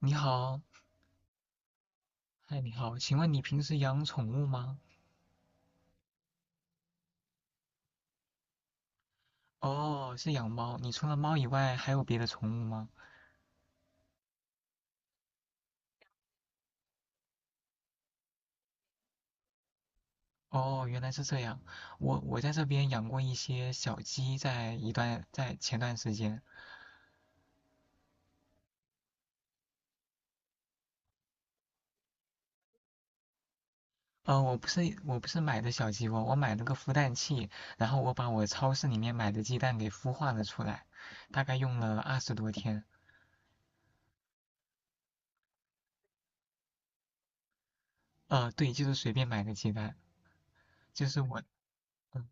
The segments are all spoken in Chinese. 你好，嗨，你好，请问你平时养宠物吗？哦，是养猫。你除了猫以外，还有别的宠物吗？哦，原来是这样。我在这边养过一些小鸡，在前段时间，我不是买的小鸡窝，我买了个孵蛋器，然后我把我超市里面买的鸡蛋给孵化了出来，大概用了二十多天。对，就是随便买的鸡蛋，就是我。嗯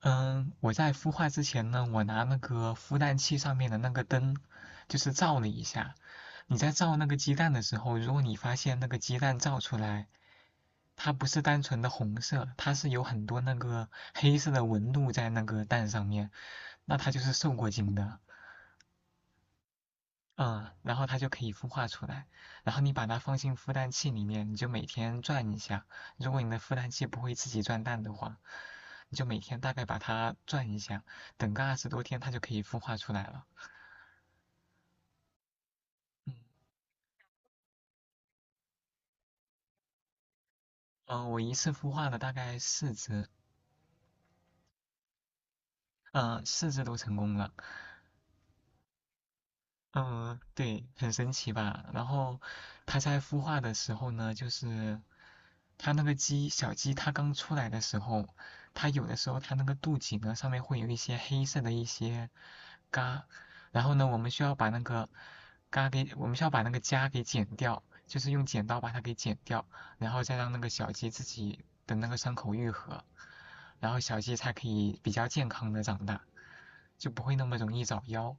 嗯，我在孵化之前呢，我拿那个孵蛋器上面的那个灯，就是照了一下。你在照那个鸡蛋的时候，如果你发现那个鸡蛋照出来，它不是单纯的红色，它是有很多那个黑色的纹路在那个蛋上面，那它就是受过精的。嗯，然后它就可以孵化出来。然后你把它放进孵蛋器里面，你就每天转一下。如果你的孵蛋器不会自己转蛋的话，你就每天大概把它转一下，等个二十多天，它就可以孵化出来了。嗯，我一次孵化了大概四只，嗯，四只都成功了。嗯，对，很神奇吧？然后它在孵化的时候呢，就是它那个鸡，小鸡它刚出来的时候，它有的时候它那个肚脐呢上面会有一些黑色的一些痂，然后呢，我们需要把那个痂给剪掉，就是用剪刀把它给剪掉，然后再让那个小鸡自己的那个伤口愈合，然后小鸡才可以比较健康的长大，就不会那么容易早夭。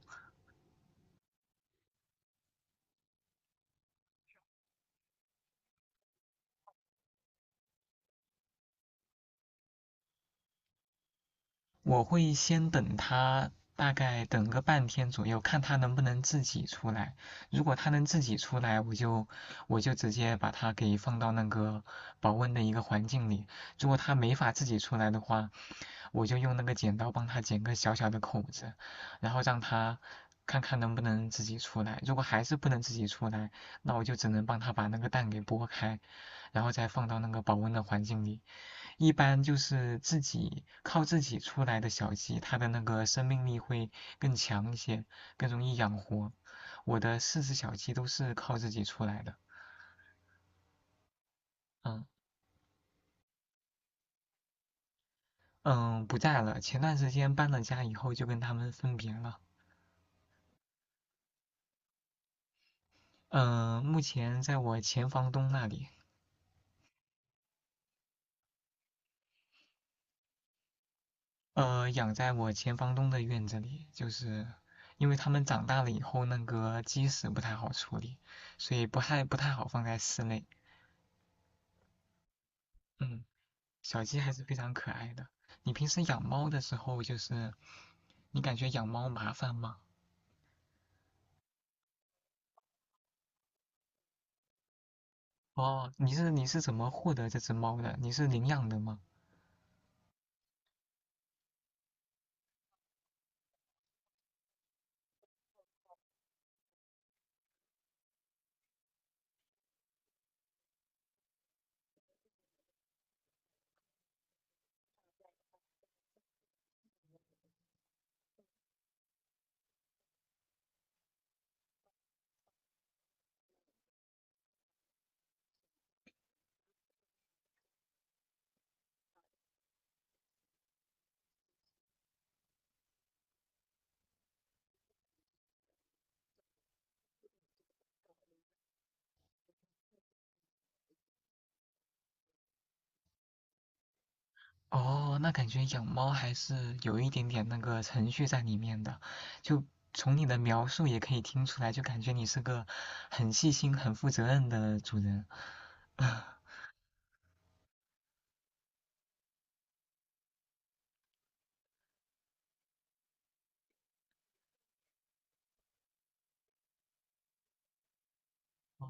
我会先等它，大概等个半天左右，看它能不能自己出来。如果它能自己出来，我就直接把它给放到那个保温的一个环境里。如果它没法自己出来的话，我就用那个剪刀帮它剪个小小的口子，然后让它看看能不能自己出来。如果还是不能自己出来，那我就只能帮它把那个蛋给剥开，然后再放到那个保温的环境里，一般就是自己靠自己出来的小鸡，它的那个生命力会更强一些，更容易养活。我的四只小鸡都是靠自己出来的。嗯嗯，不在了。前段时间搬了家以后，就跟它们分别了。嗯，目前在我前房东那里，养在我前房东的院子里，就是因为它们长大了以后，那个鸡屎不太好处理，所以不太好放在室内。嗯。小鸡还是非常可爱的。你平时养猫的时候，就是你感觉养猫麻烦吗？哦，你是怎么获得这只猫的？你是领养的吗？哦，那感觉养猫还是有一点点那个程序在里面的，就从你的描述也可以听出来，就感觉你是个很细心、很负责任的主人。哦，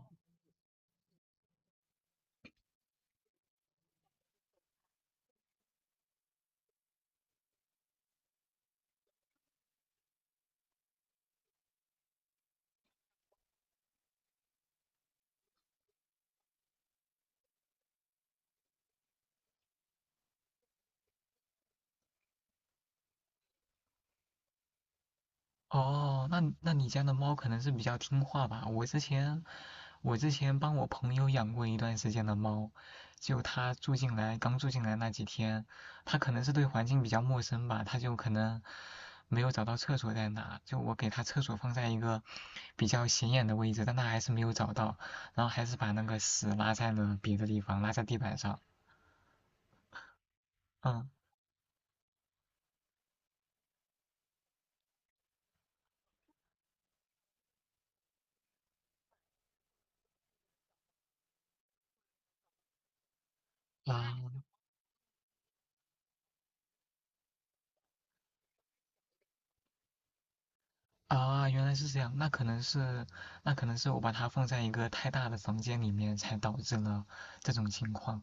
哦，那你家的猫可能是比较听话吧？我之前帮我朋友养过一段时间的猫，就它住进来刚住进来那几天，它可能是对环境比较陌生吧，它就可能没有找到厕所在哪，就我给它厕所放在一个比较显眼的位置，但它还是没有找到，然后还是把那个屎拉在了别的地方，拉在地板上。嗯，啊拉。啊，原来是这样，那可能是我把它放在一个太大的房间里面，才导致了这种情况。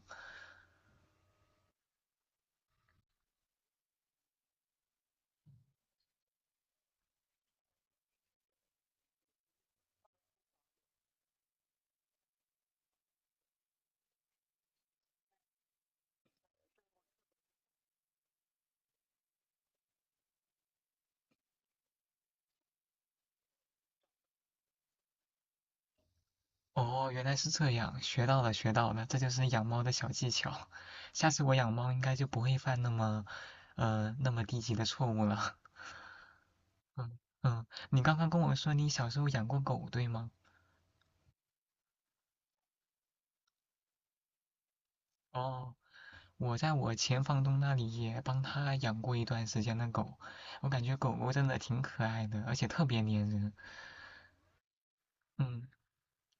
哦，原来是这样，学到了，学到了，这就是养猫的小技巧。下次我养猫应该就不会犯那么低级的错误了。嗯嗯，你刚刚跟我说你小时候养过狗，对吗？哦，我在我前房东那里也帮他养过一段时间的狗，我感觉狗狗真的挺可爱的，而且特别粘人。嗯，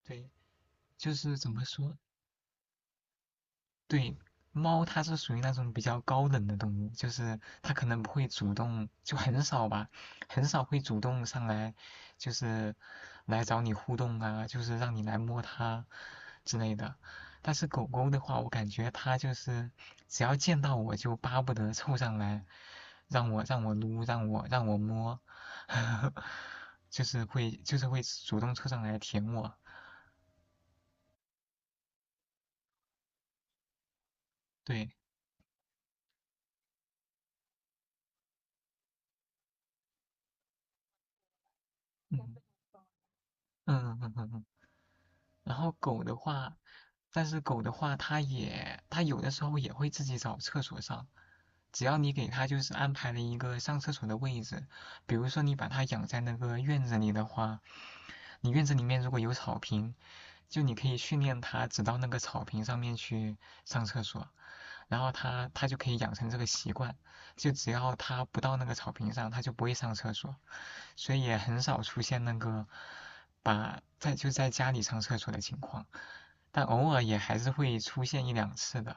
对。就是怎么说，对，猫它是属于那种比较高冷的动物，就是它可能不会主动，就很少吧，很少会主动上来，就是来找你互动啊，就是让你来摸它之类的。但是狗狗的话，我感觉它就是只要见到我就巴不得凑上来，让我撸，让我摸，就是会主动凑上来舔我。对，嗯嗯嗯嗯嗯。然后狗的话，但是狗的话，它有的时候也会自己找厕所上，只要你给它就是安排了一个上厕所的位置，比如说你把它养在那个院子里的话，你院子里面如果有草坪，就你可以训练它只到那个草坪上面去上厕所，然后它就可以养成这个习惯，就只要它不到那个草坪上，它就不会上厕所。所以也很少出现那个把在就在家里上厕所的情况，但偶尔也还是会出现一两次的。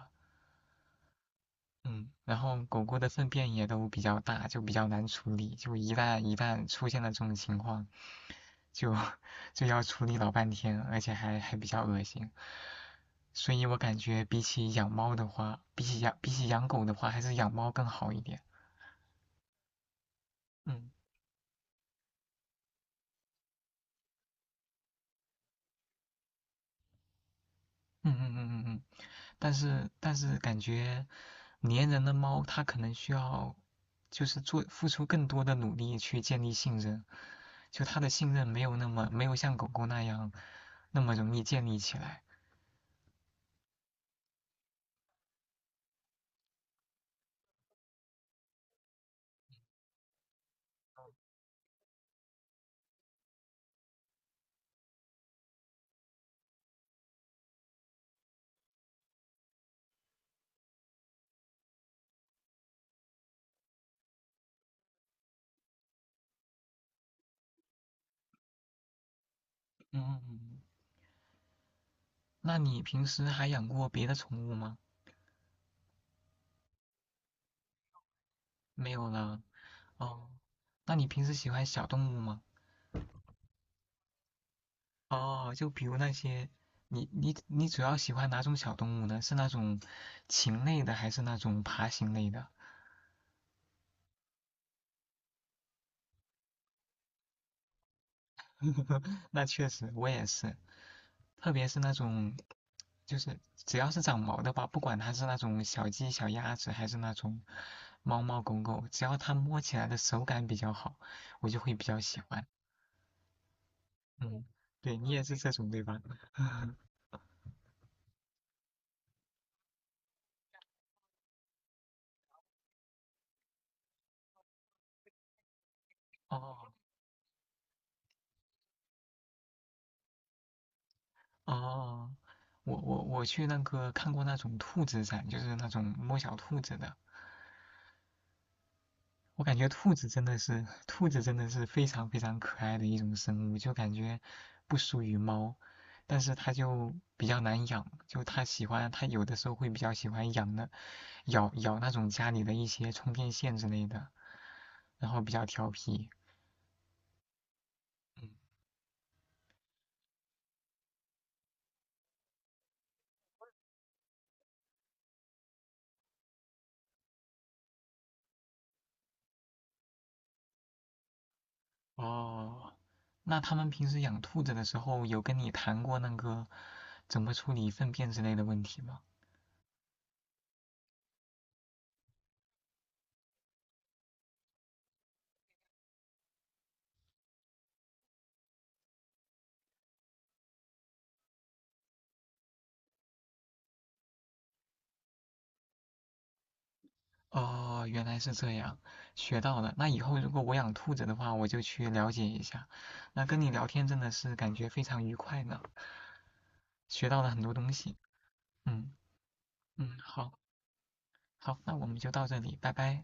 嗯，然后狗狗的粪便也都比较大，就比较难处理，就一旦出现了这种情况，就就要处理老半天，而且还比较恶心。所以我感觉比起养猫的话，比起养狗的话，还是养猫更好一点。嗯嗯嗯嗯嗯嗯。但是感觉粘人的猫它可能需要就是付出更多的努力去建立信任，就它的信任没有像狗狗那样那么容易建立起来。嗯，那你平时还养过别的宠物吗？没有了。哦，那你平时喜欢小动物吗？哦，就比如那些，你主要喜欢哪种小动物呢？是那种禽类的，还是那种爬行类的？那确实，我也是，特别是那种，就是只要是长毛的吧，不管它是那种小鸡、小鸭子，还是那种猫猫狗狗，只要它摸起来的手感比较好，我就会比较喜欢。嗯，对你也是这种对吧？哦哦，我去那个看过那种兔子展，就是那种摸小兔子的，我感觉兔子真的是非常非常可爱的一种生物，就感觉不输于猫，但是它就比较难养，就它喜欢，它有的时候会比较喜欢养的，咬咬那种家里的一些充电线之类的，然后比较调皮。嗯哦，那他们平时养兔子的时候，有跟你谈过那个怎么处理粪便之类的问题吗？哦，原来是这样，学到了。那以后如果我养兔子的话，我就去了解一下。那跟你聊天真的是感觉非常愉快呢，学到了很多东西。嗯嗯，好，好，那我们就到这里，拜拜。